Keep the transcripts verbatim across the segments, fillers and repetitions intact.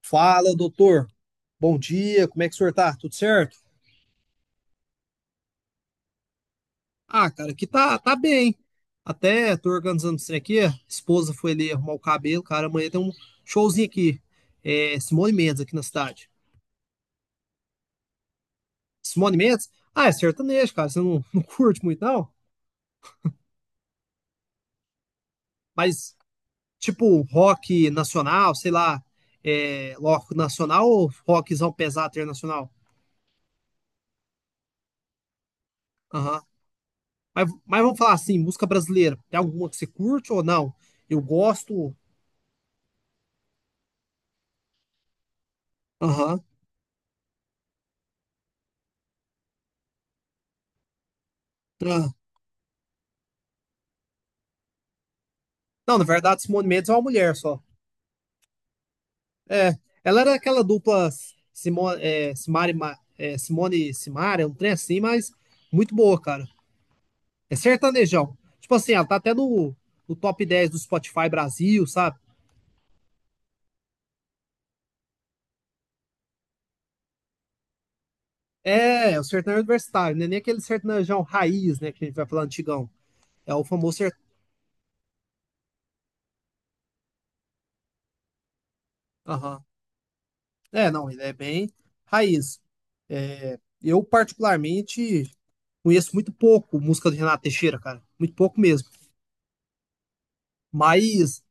Fala, doutor. Bom dia, como é que o senhor tá? Tudo certo? Ah, cara, aqui tá, tá bem. Até tô organizando isso aqui. A esposa foi ali arrumar o cabelo, cara. Amanhã tem um showzinho aqui. É, Simone Mendes aqui na cidade. Simone Mendes? Ah, é sertanejo, cara. Você não, não curte muito, não? Mas, tipo, rock nacional, sei lá, é, rock nacional ou rockzão pesado internacional? Aham. Mas, mas vamos falar assim, música brasileira. Tem alguma que você curte ou não? Eu gosto. Aham. Ah, não, na verdade, Simone Mendes é uma mulher só. É, ela era aquela dupla Simo, é, Simari, Ma- é, Simone e Simara, é um trem assim, mas muito boa, cara. É sertanejão. Tipo assim, ela tá até no, no top dez do Spotify Brasil, sabe? É, é o sertanejo universitário, né? Nem aquele sertanejão raiz, né, que a gente vai falar antigão. É o famoso sertanejo. Aham. É, não, ele é bem raiz. É, eu, particularmente, conheço muito pouco música do Renato Teixeira, cara. Muito pouco mesmo. Mas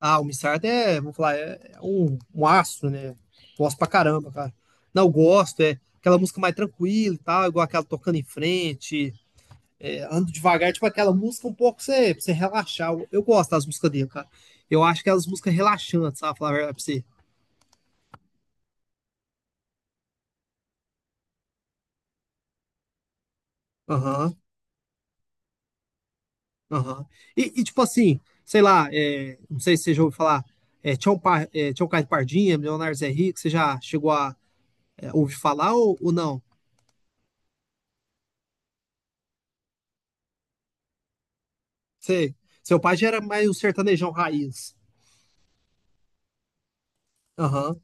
ah, o Missart é, vamos falar, é é um, um astro, né? Gosto pra caramba, cara. Não, eu gosto, é aquela música mais tranquila e tal, igual aquela tocando em frente, é, ando devagar, tipo aquela música um pouco pra você, pra você relaxar. Eu, eu gosto das músicas dele, cara. Eu acho que elas músicas relaxantes, sabe? Falar a verdade pra você. Aham, aham. E, e, tipo assim, sei lá, é, não sei se você já ouviu falar, é, Tião, Pa, é, Tião Caio de Pardinha, Milionário Zé Rico, você já chegou a é, ouvir falar ou, ou não? Sei. Seu pai já era mais um sertanejão raiz. Aham.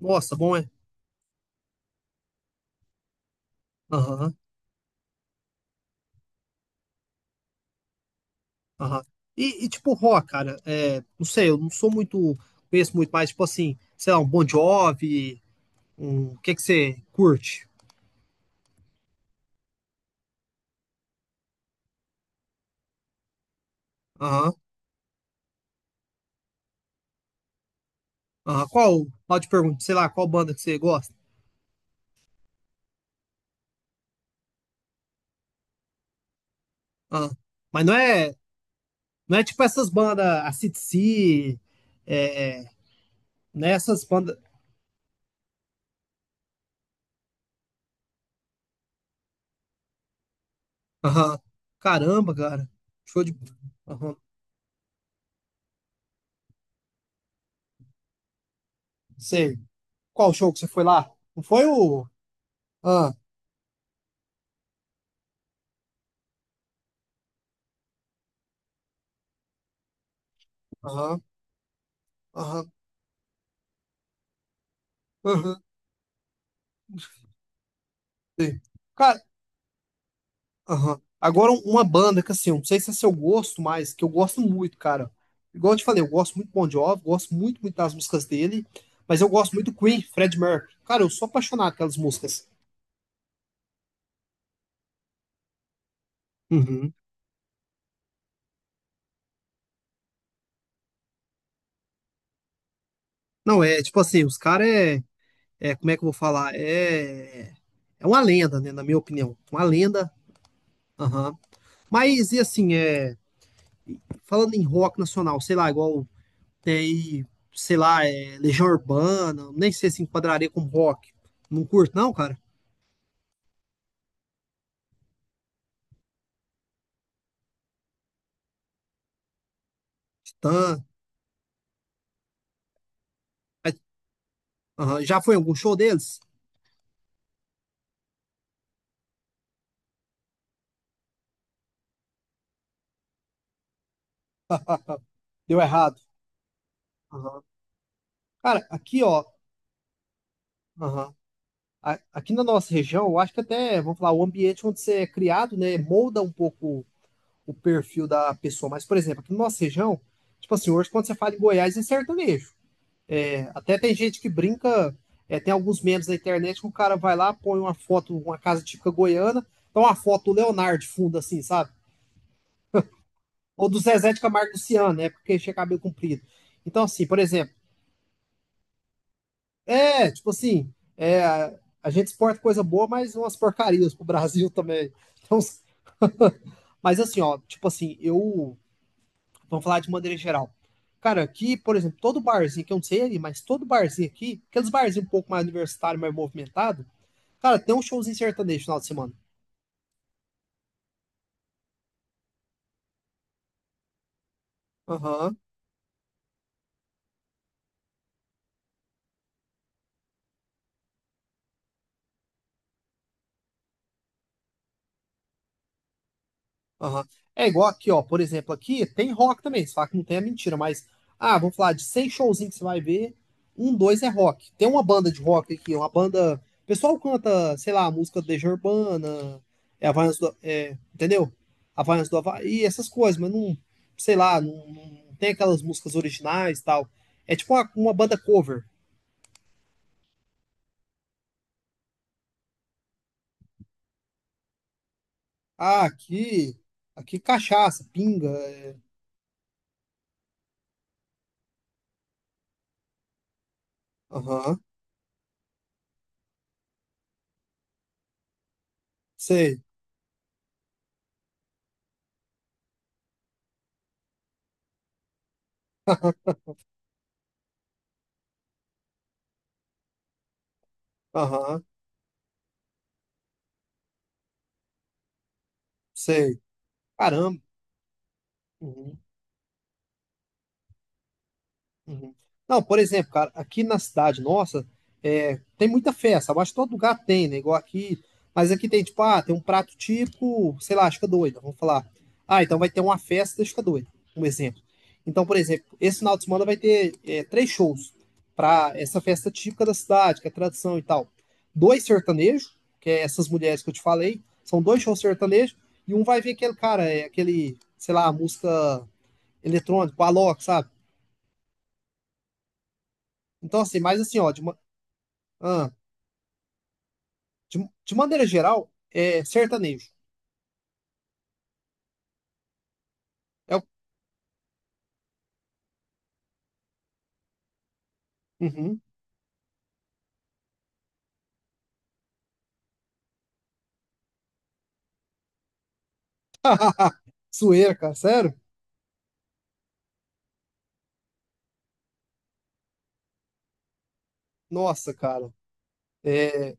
Nossa, bom é. Aham, aham. E, e tipo, rock, cara, é, não sei, eu não sou muito, conheço muito, mas tipo assim, sei lá, um Bon Jovi, um, o que que você curte? Aham, aham. Qual, pode perguntar, sei lá, qual banda que você gosta? Aham. Mas não é, não é tipo essas bandas, a AC/D C, é, é, né, essas bandas, aham. Caramba, cara, show de, aham, sei. Qual show que você foi lá? Não foi o, ah, aham, aham. Aham. Sim. Cara, aham. Agora um- uma banda que assim, eu não sei se é seu gosto, mas que eu gosto muito, cara. Igual eu te falei, eu gosto muito do Bon Jovi, gosto muito, muito das músicas dele, mas eu gosto muito do Queen, Fred Mercury. Cara, eu sou apaixonado pelas músicas. Uhum. Não, é tipo assim, os caras é, é, como é que eu vou falar? É, é uma lenda, né, na minha opinião. Uma lenda. Aham. Mas e assim, é, falando em rock nacional, sei lá, igual Tem, sei lá, é, Legião Urbana, nem sei se enquadraria como rock. Não curto, não, cara. Titã. Mas, aham, já foi em algum show deles? Deu errado. Aham. Cara, aqui, ó. aham, a- Aqui na nossa região, eu acho que até, vamos falar, o ambiente onde você é criado, né, molda um pouco o perfil da pessoa. Mas, por exemplo, aqui na nossa região, tipo assim, hoje quando você fala em Goiás, é sertanejo. É, até tem gente que brinca, é, tem alguns memes na internet que o cara vai lá, põe uma foto, uma casa típica goiana, então uma foto do Leonardo de fundo, assim, sabe? Ou do Zezé de Camargo e Luciano, né? Porque tinha cabelo comprido. Então, assim, por exemplo, é, tipo assim, é, a a gente exporta coisa boa, mas umas porcarias pro Brasil também. Então, mas assim, ó, tipo assim, eu. Vamos falar de maneira geral. Cara, aqui, por exemplo, todo barzinho, que eu não sei ali, mas todo barzinho aqui, aqueles barzinhos um pouco mais universitário, mais movimentado, cara, tem um showzinho sertanejo no final de semana. Aham, aham. É igual aqui, ó. Por exemplo, aqui tem rock também. Se falar que não tem é mentira, mas. Ah, vamos falar de cem showzinhos que você vai ver. Um, dois é rock. Tem uma banda de rock aqui, uma banda. O pessoal canta, sei lá, música do Legião Urbana, é Havaianas do. É, entendeu? Havaianas do Havaí, essas coisas, mas não. Sei lá, não, não tem aquelas músicas originais e tal. É tipo uma, uma banda cover. Ah, aqui. Aqui cachaça, pinga. é, Aham. Sei. Aham, sei. Caramba. Uhum, uhum. Não, por exemplo, cara, aqui na cidade nossa, é, tem muita festa. Eu acho que todo lugar tem, né? Igual aqui. Mas aqui tem, tipo, ah, tem um prato típico, sei lá, Chica Doida, vamos falar. Ah, então vai ter uma festa da Chica Doida, um exemplo. Então, por exemplo, esse final de semana vai ter é, três shows pra essa festa típica da cidade, que é tradição e tal. Dois sertanejos, que é essas mulheres que eu te falei, são dois shows sertanejos, e um vai ver aquele cara, é aquele, sei lá, a música eletrônico, Alok, sabe? Então, assim, mas assim, ó, de, ma- ah, de, de maneira geral, é sertanejo. É o. Uhum. Zoeira, cara, sério? Nossa, cara. É.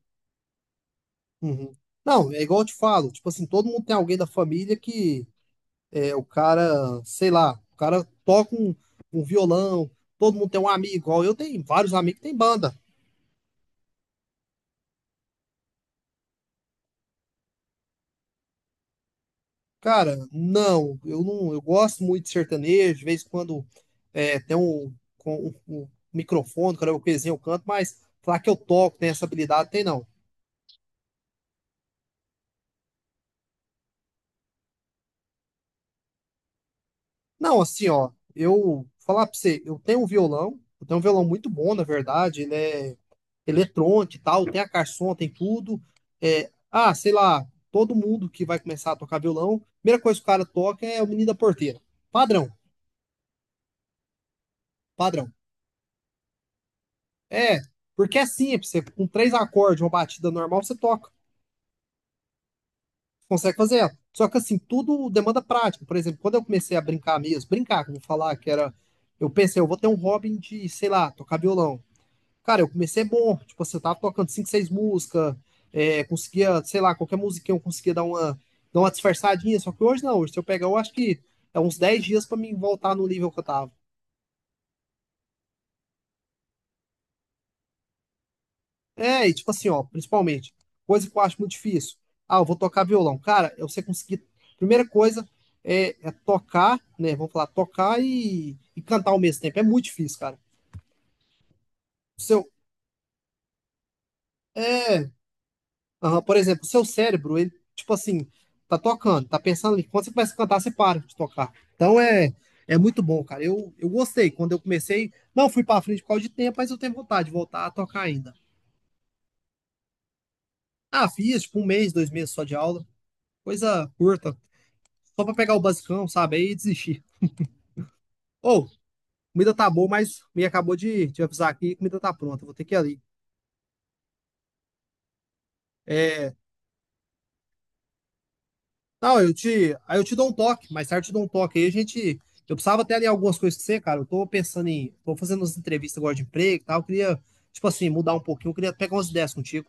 Uhum. Não, é igual eu te falo, tipo assim, todo mundo tem alguém da família que é o cara, sei lá, o cara toca um, um violão, todo mundo tem um amigo, igual eu tenho vários amigos que tem banda. Cara, não, eu não, eu gosto muito de sertanejo, de vez em quando é, tem um, com- um- um microfone, cara, eu coisinha eu canto, mas falar que eu toco, tem essa habilidade, tem não. Não, assim, ó, eu falar pra você, eu tenho um violão, eu tenho um violão muito bom, na verdade, ele é eletrônico e tal, tem a caixa de som, tem tudo. É, ah, sei lá, todo mundo que vai começar a tocar violão, a primeira coisa que o cara toca é o Menino da Porteira. Padrão, padrão. É, porque é simples, você, com três acordes, uma batida normal, você toca, consegue fazer ela. Só que assim, tudo demanda prática. Por exemplo, quando eu comecei a brincar mesmo, brincar, que eu vou falar, que era. Eu pensei, eu vou ter um hobby de, sei lá, tocar violão. Cara, eu comecei bom, tipo assim, eu tava tocando cinco, seis músicas, é, conseguia, sei lá, qualquer musiquinha eu conseguia dar uma, dar uma disfarçadinha, só que hoje não, hoje se eu pegar, eu acho que é uns dez dias pra mim voltar no nível que eu tava. É, e tipo assim, ó, principalmente, coisa que eu acho muito difícil. Ah, eu vou tocar violão. Cara, é você conseguir. Primeira coisa é, é tocar, né? Vamos falar, tocar e, e cantar ao mesmo tempo. É muito difícil, cara. O Seu, é, aham, por exemplo, o seu cérebro, ele, tipo assim, tá tocando, tá pensando ali. Quando você começa a cantar, você para de tocar. Então é, é muito bom, cara. Eu, eu gostei. Quando eu comecei, não fui pra frente por causa de tempo, mas eu tenho vontade de voltar a tocar ainda. Ah, fiz, tipo, um mês, dois meses só de aula. Coisa curta. Só pra pegar o basicão, sabe? Aí desistir. Ou, oh, comida tá boa, mas me acabou de te avisar aqui, comida tá pronta, vou ter que ir ali. É, não, eu te, aí eu te dou um toque, mais tarde eu te dou um toque. Aí a gente, eu precisava até ali algumas coisas com você, cara. Eu tô pensando em, tô fazendo umas entrevistas agora de emprego e tal, eu queria, tipo assim, mudar um pouquinho, eu queria pegar umas ideias contigo.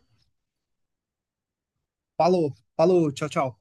Falou, falou, tchau, tchau.